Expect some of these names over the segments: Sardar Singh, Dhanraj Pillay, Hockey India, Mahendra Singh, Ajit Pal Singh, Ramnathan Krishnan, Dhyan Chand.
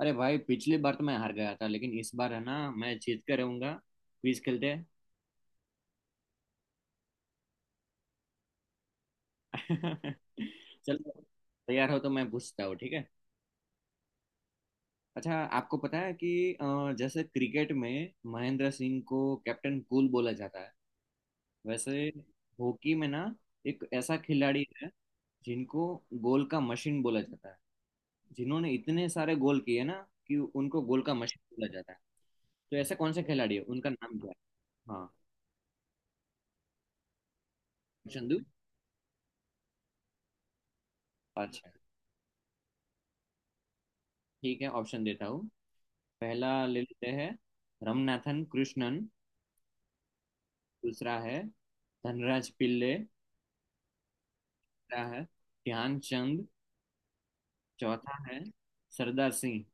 अरे भाई, पिछली बार तो मैं हार गया था, लेकिन इस बार है ना मैं जीत कर रहूंगा। क्विज खेलते हैं। चलो। तैयार हो तो मैं पूछता हूँ, ठीक है। अच्छा, आपको पता है कि जैसे क्रिकेट में महेंद्र सिंह को कैप्टन कूल बोला जाता है, वैसे हॉकी में ना एक ऐसा खिलाड़ी है जिनको गोल का मशीन बोला जाता है, जिन्होंने इतने सारे गोल किए ना कि उनको गोल का मशीन बोला जाता है। तो ऐसा कौन सा खिलाड़ी है, उनका नाम क्या है? हाँ। चंदू। अच्छा। ठीक है, ऑप्शन देता हूँ। पहला ले लेते हैं, रमनाथन कृष्णन। दूसरा है धनराज पिल्ले। तीसरा है ध्यानचंद। चौथा है सरदार सिंह।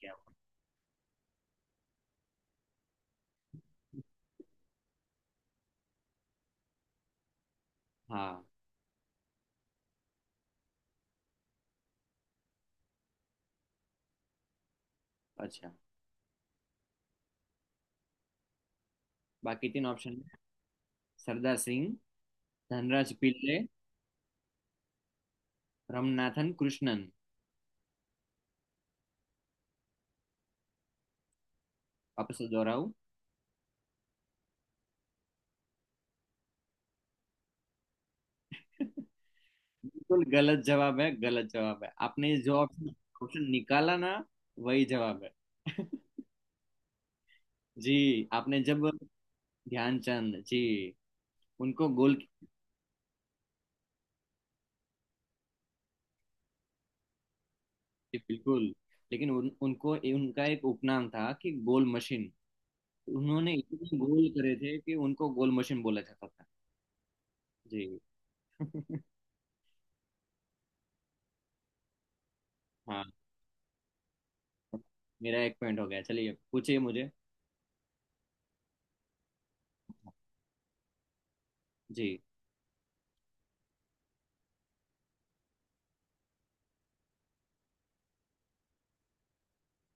क्या हुआ? हाँ। अच्छा। बाकी तीन ऑप्शन है, सरदार सिंह, धनराज पिल्ले, रमनाथन कृष्णन। वापस से दोहराऊं? बिल्कुल गलत जवाब है, गलत जवाब है। आपने जो ऑप्शन ऑप्शन निकाला ना, वही जवाब है। जी। आपने जब ध्यानचंद जी, उनको गोल, बिल्कुल। लेकिन उनको उनका एक उपनाम था कि गोल मशीन। उन्होंने इतने गोल करे थे कि उनको गोल मशीन बोला जाता था। जी। हाँ। मेरा एक पॉइंट हो गया, चलिए पूछिए मुझे। जी।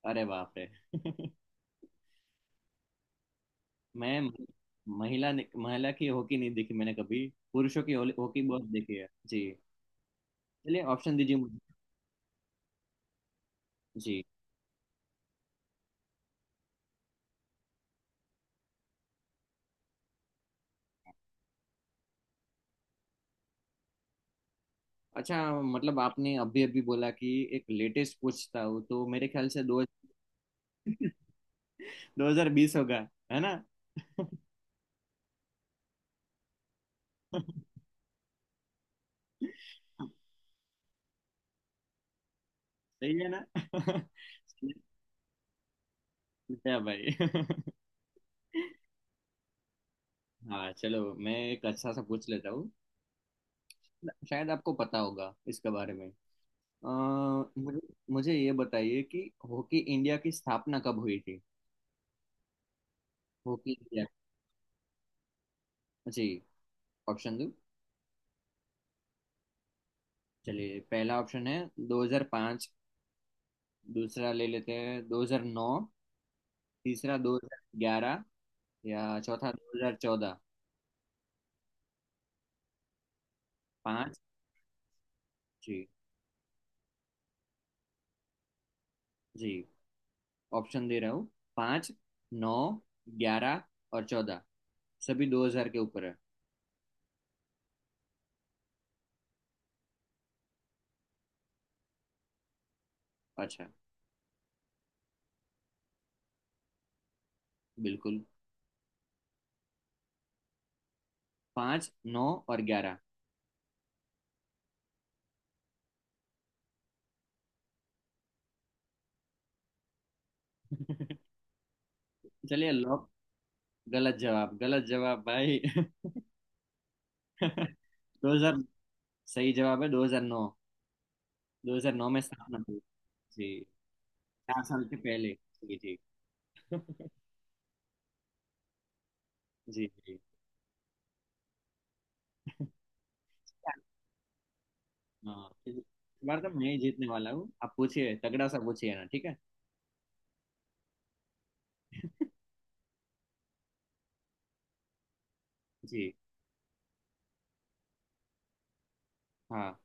अरे बाप रे। मैं महिला की हॉकी नहीं देखी मैंने कभी। पुरुषों की हॉकी बहुत देखी है जी। चलिए ऑप्शन दीजिए मुझे। जी। अच्छा, मतलब आपने अभी अभी बोला कि एक लेटेस्ट पूछता हूँ, तो मेरे ख्याल से दो 2020 होगा, है ना? सही है ना? क्या भाई। हाँ, चलो मैं एक अच्छा सा पूछ लेता हूँ। शायद आपको पता होगा इसके बारे में। अ, मुझे मुझे ये बताइए कि हॉकी इंडिया की स्थापना कब हुई थी। Hockey India. जी। ऑप्शन दो। चलिए, पहला ऑप्शन है 2005। दूसरा ले लेते हैं 2009। तीसरा 2011। या चौथा 2014। पाँच। जी जी, ऑप्शन दे रहा हूँ। पाँच, नौ, ग्यारह और चौदह। सभी दो हजार के ऊपर है। अच्छा। बिल्कुल। पाँच, नौ और ग्यारह। चलिए लॉक। गलत जवाब, गलत जवाब भाई। दो हजार, सही जवाब है दो हजार नौ। दो हजार नौ में स्थापना हुई। जी। चार साल के पहले। जी जी। जी जी। हाँ, इस बार तो मैं ही जीतने वाला हूँ। आप पूछिए, तगड़ा सा पूछिए ना, ठीक है। जी। हाँ।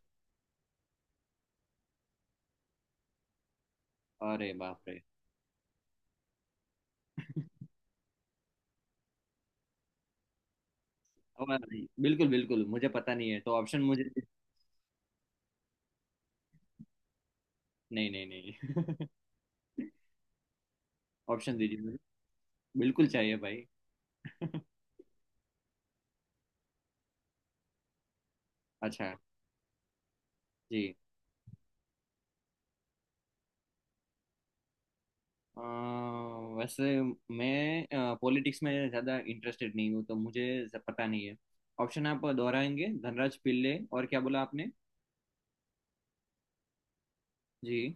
अरे बाप रे। और बिल्कुल बिल्कुल मुझे पता नहीं है, तो ऑप्शन मुझे। नहीं नहीं नहीं। ऑप्शन दीजिए मुझे। बिल्कुल चाहिए भाई। अच्छा। जी। अ, वैसे मैं पॉलिटिक्स में ज़्यादा इंटरेस्टेड नहीं हूँ, तो मुझे पता नहीं है। ऑप्शन आप दोहराएंगे? धनराज पिल्ले और क्या बोला आपने? जी।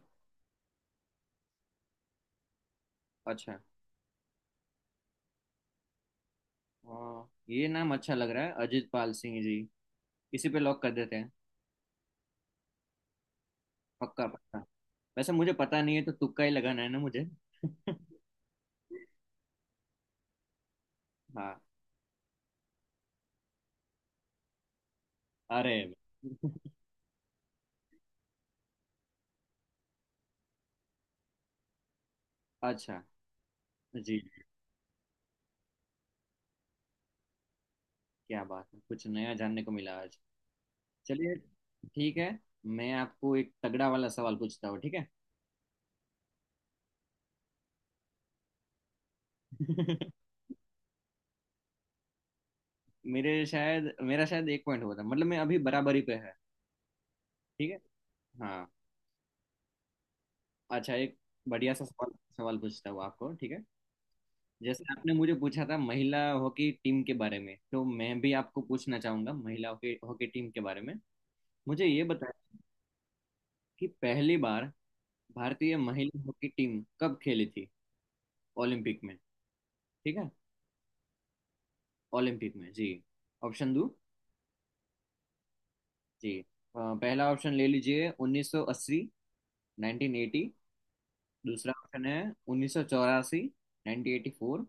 अच्छा। ये नाम अच्छा लग रहा है, अजित पाल सिंह जी। इसी पे लॉक कर देते हैं। पक्का पक्का। वैसे मुझे पता नहीं है, तो तुक्का ही लगाना है ना मुझे। हाँ। अरे। अच्छा। जी। क्या बात है, कुछ नया जानने को मिला आज। चलिए। ठीक है। मैं आपको एक तगड़ा वाला सवाल पूछता हूँ, ठीक है। मेरे शायद मेरा शायद एक पॉइंट हुआ था, मतलब मैं अभी बराबरी पे है। ठीक है। हाँ। अच्छा, एक बढ़िया सा सवाल सवाल पूछता हूँ आपको, ठीक है। जैसे आपने मुझे पूछा था महिला हॉकी टीम के बारे में, तो मैं भी आपको पूछना चाहूंगा महिला हॉकी हॉकी टीम के बारे में। मुझे ये बताया कि पहली बार भारतीय महिला हॉकी टीम कब खेली थी ओलंपिक में, ठीक है। ओलंपिक में जी। ऑप्शन दो। जी। पहला ऑप्शन ले लीजिए 1980। 1980। दूसरा ऑप्शन है 1984। 1984।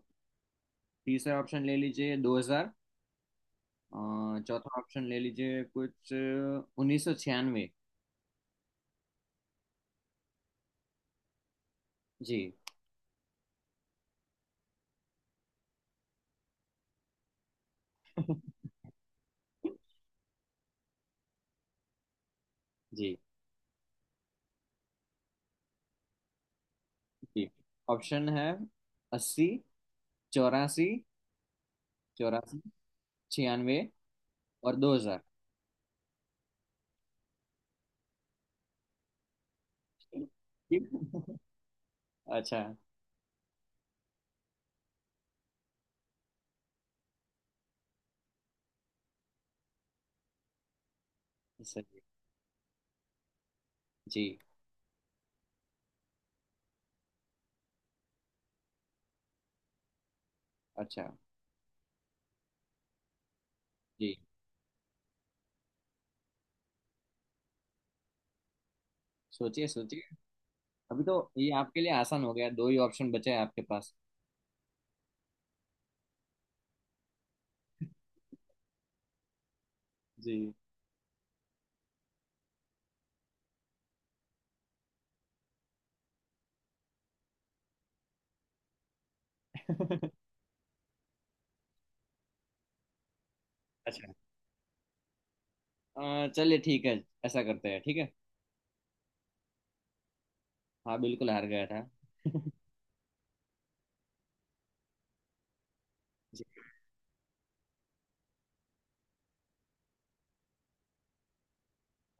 तीसरा ऑप्शन ले लीजिए 2000। अ, चौथा ऑप्शन ले लीजिए कुछ उन्नीस सौ छियानवे। जी। जी जी। ऑप्शन है, अस्सी, चौरासी, चौरासी, छियानवे और दो हजार। अच्छा। सही। जी। अच्छा। जी। सोचिए, सोचिए। अभी तो ये आपके लिए आसान हो गया, दो ही ऑप्शन बचे हैं आपके पास। जी। अच्छा, चलिए ठीक है, ऐसा करते हैं, ठीक है। हाँ बिल्कुल हार गया था। जी।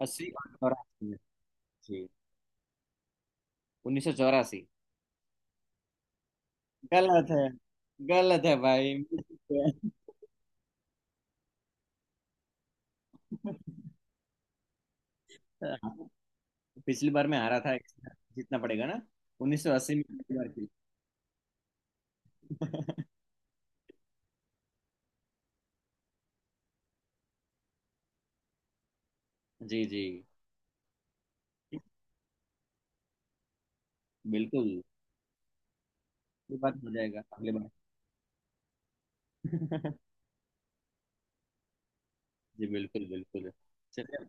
अस्सी और चौरासी। जी। उन्नीस सौ चौरासी। गलत है, गलत है भाई। हाँ, पिछली बार मैं हारा था, जीतना पड़ेगा ना। उन्नीस सौ अस्सी में पिछली बार थी। जी जी बिल्कुल। ये बात हो जाएगा अगली बार। जी बिल्कुल बिल्कुल। चलिए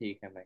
ठीक है भाई।